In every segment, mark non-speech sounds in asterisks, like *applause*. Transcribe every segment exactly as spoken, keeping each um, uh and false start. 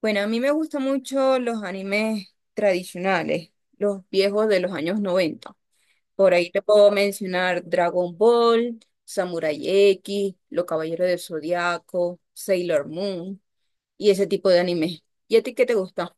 Bueno, a mí me gustan mucho los animes tradicionales, los viejos de los años noventa. Por ahí te puedo mencionar Dragon Ball, Samurai X, Los Caballeros del Zodiaco, Sailor Moon y ese tipo de animes. ¿Y a ti qué te gusta?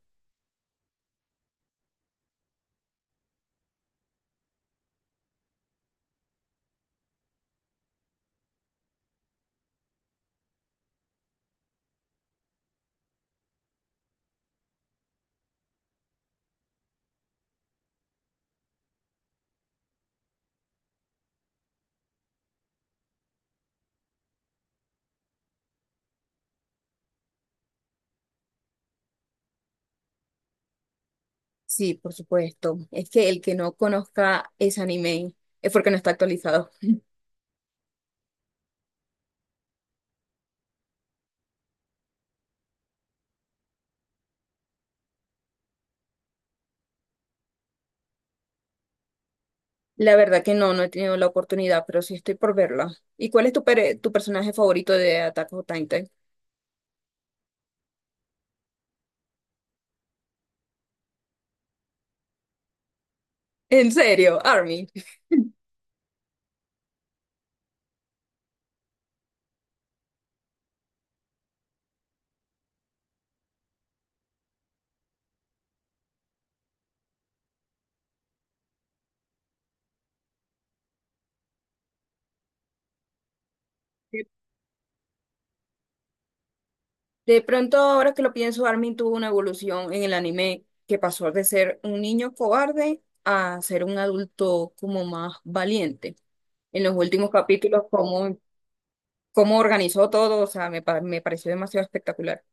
Sí, por supuesto. Es que el que no conozca ese anime es porque no está actualizado. La verdad que no, no he tenido la oportunidad, pero sí estoy por verla. ¿Y cuál es tu, pere- tu personaje favorito de Attack on Titan? ¿En serio, Armin? *laughs* De de pronto, ahora que lo pienso, Armin tuvo una evolución en el anime que pasó de ser un niño cobarde a ser un adulto como más valiente. En los últimos capítulos, cómo, cómo organizó todo, o sea, me, pa- me pareció demasiado espectacular.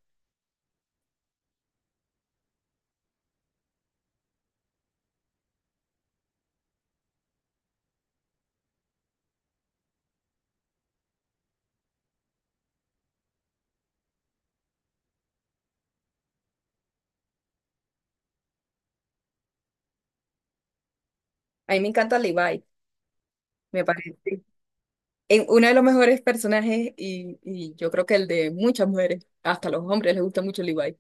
A mí me encanta Levi, me parece eh, uno de los mejores personajes y, y yo creo que el de muchas mujeres, hasta los hombres les gusta mucho Levi,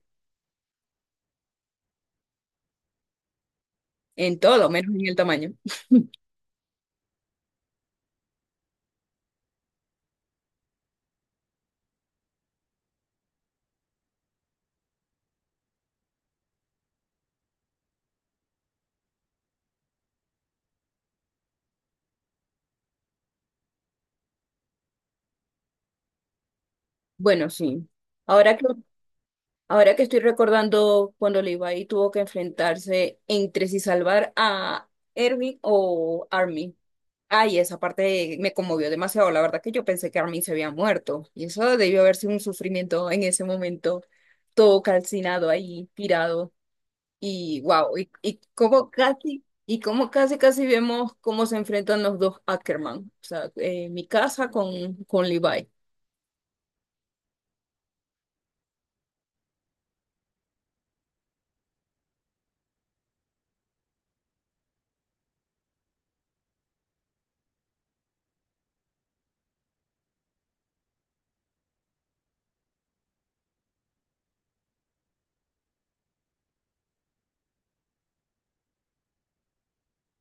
en todo, menos en el tamaño. *laughs* Bueno, sí. Ahora que Ahora que estoy recordando cuando Levi tuvo que enfrentarse entre si salvar a Erwin o Armin. Ay, esa parte me conmovió demasiado. La verdad que yo pensé que Armin se había muerto. Y eso debió haber sido un sufrimiento en ese momento, todo calcinado ahí, tirado. Y wow, y, y como casi, y como casi, casi vemos cómo se enfrentan los dos Ackerman. O sea, eh, mi casa con, con Levi.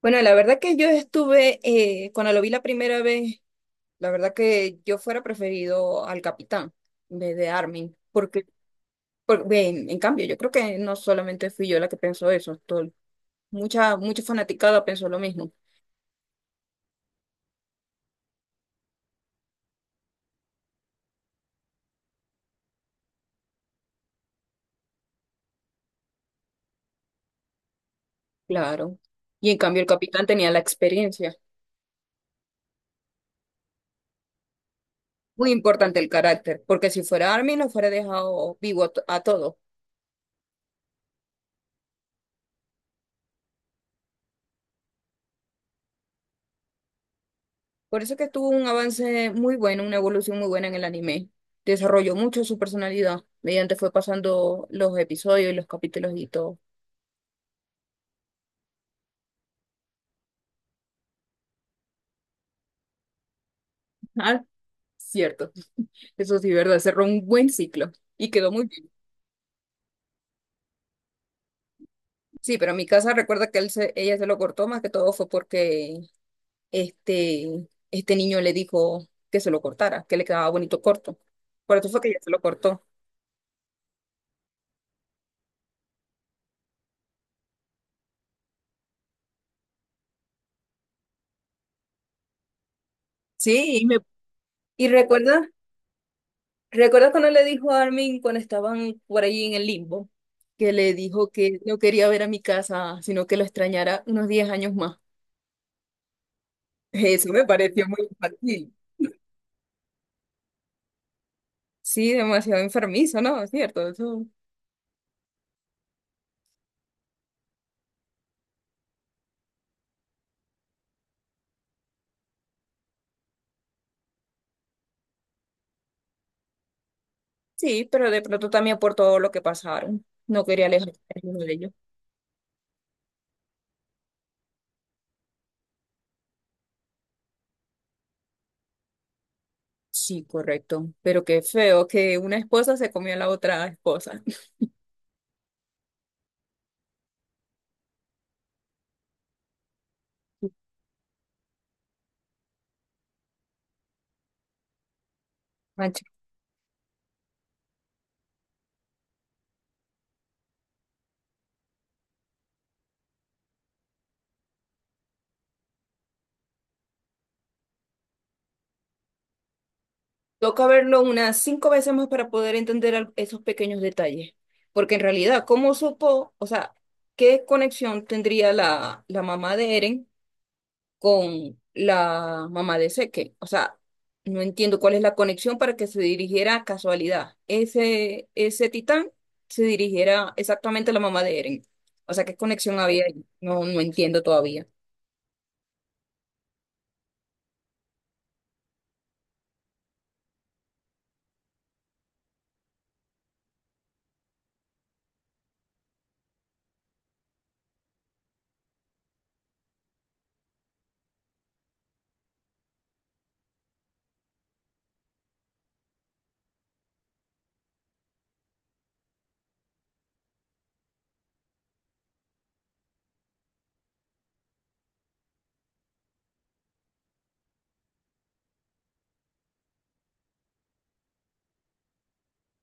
Bueno, la verdad que yo estuve, eh, cuando lo vi la primera vez. La verdad que yo fuera preferido al capitán en vez de Armin, porque, por- ve, en, en cambio, yo creo que no solamente fui yo la que pensó eso, todo- mucha, mucha fanaticada pensó lo mismo, claro. Y en cambio el capitán tenía la experiencia, muy importante el carácter, porque si fuera Armin lo fuera dejado vivo a, to- a todos. Por eso que tuvo un avance muy bueno, una evolución muy buena en el anime. Desarrolló mucho su personalidad mediante fue pasando los episodios y los capítulos y todo. Ah, cierto. Eso sí, verdad, cerró un buen ciclo y quedó muy bien. Sí, pero en mi casa recuerda que él se- ella se lo cortó más que todo fue porque este, este niño le dijo que se lo cortara, que le quedaba bonito corto. Por eso fue que ella se lo cortó. Sí, y, me... y recuerda, recuerda cuando le dijo a Armin cuando estaban por ahí en el limbo, que le dijo que no quería ver a mi casa, sino que lo extrañara unos diez años más. *laughs* Eso me pareció muy infantil. Sí, demasiado enfermizo, ¿no? Es cierto, eso. Sí, pero de pronto también por todo lo que pasaron. No quería alejarme de uno de ellos. Sí, correcto. Pero qué feo que una esposa se comió a la otra esposa. *laughs* Mancha. Toca verlo unas cinco veces más para poder entender al- esos pequeños detalles. Porque en realidad, ¿cómo supo? O sea, ¿qué conexión tendría la, la mamá de Eren con la mamá de Seque? O sea, no entiendo cuál es la conexión para que se dirigiera a casualidad. Ese, ese titán se dirigiera exactamente a la mamá de Eren. O sea, ¿qué conexión había ahí? No, no entiendo todavía.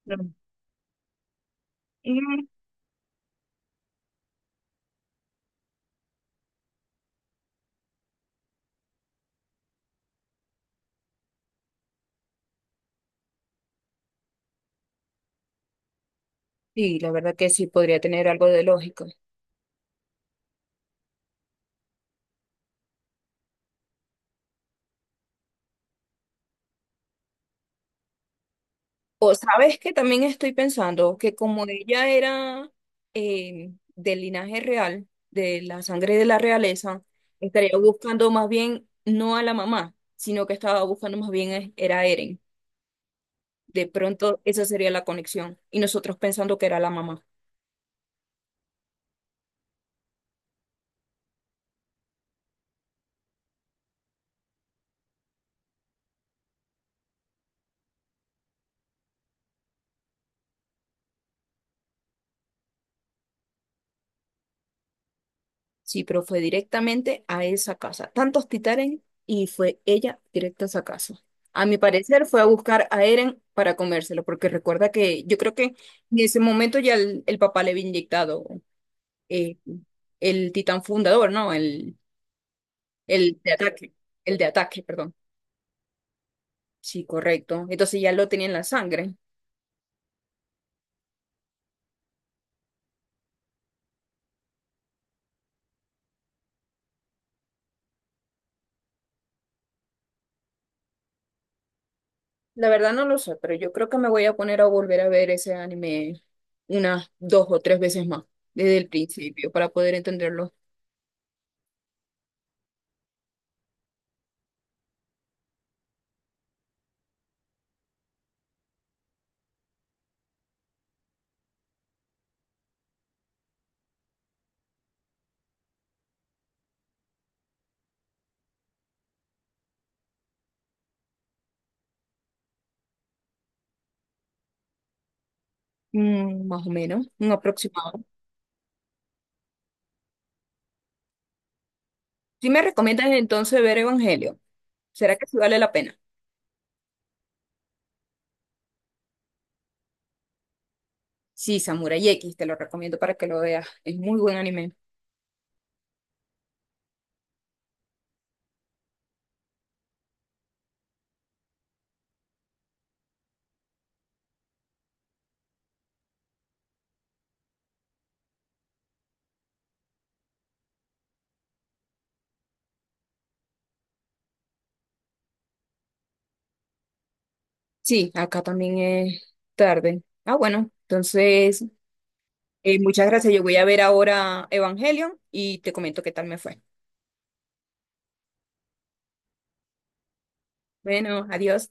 No. Mm, sí, la verdad que sí podría tener algo de lógica. O sabes que también estoy pensando que como ella era eh, del linaje real, de la sangre de la realeza, estaría buscando más bien no a la mamá, sino que estaba buscando más bien es- era a Eren. De pronto esa sería la conexión y nosotros pensando que era la mamá. Sí, pero fue directamente a esa casa. Tantos titanes y fue ella directa a esa casa. A mi parecer fue a buscar a Eren para comérselo, porque recuerda que yo creo que en ese momento ya el, el papá le había inyectado eh, el titán fundador, ¿no? El, el de ataque. El de ataque, perdón. Sí, correcto. Entonces ya lo tenía en la sangre. La verdad no lo sé, pero yo creo que me voy a poner a volver a ver ese anime unas dos o tres veces más desde el principio para poder entenderlo. Mm, más o menos, un aproximado. Si me recomiendas entonces ver Evangelio, ¿será que sí vale la pena? Sí, Samurai X, te lo recomiendo para que lo veas. Es muy buen anime. Sí, acá también es tarde. Ah, bueno, entonces, eh, muchas gracias. Yo voy a ver ahora Evangelion y te comento qué tal me fue. Bueno, adiós.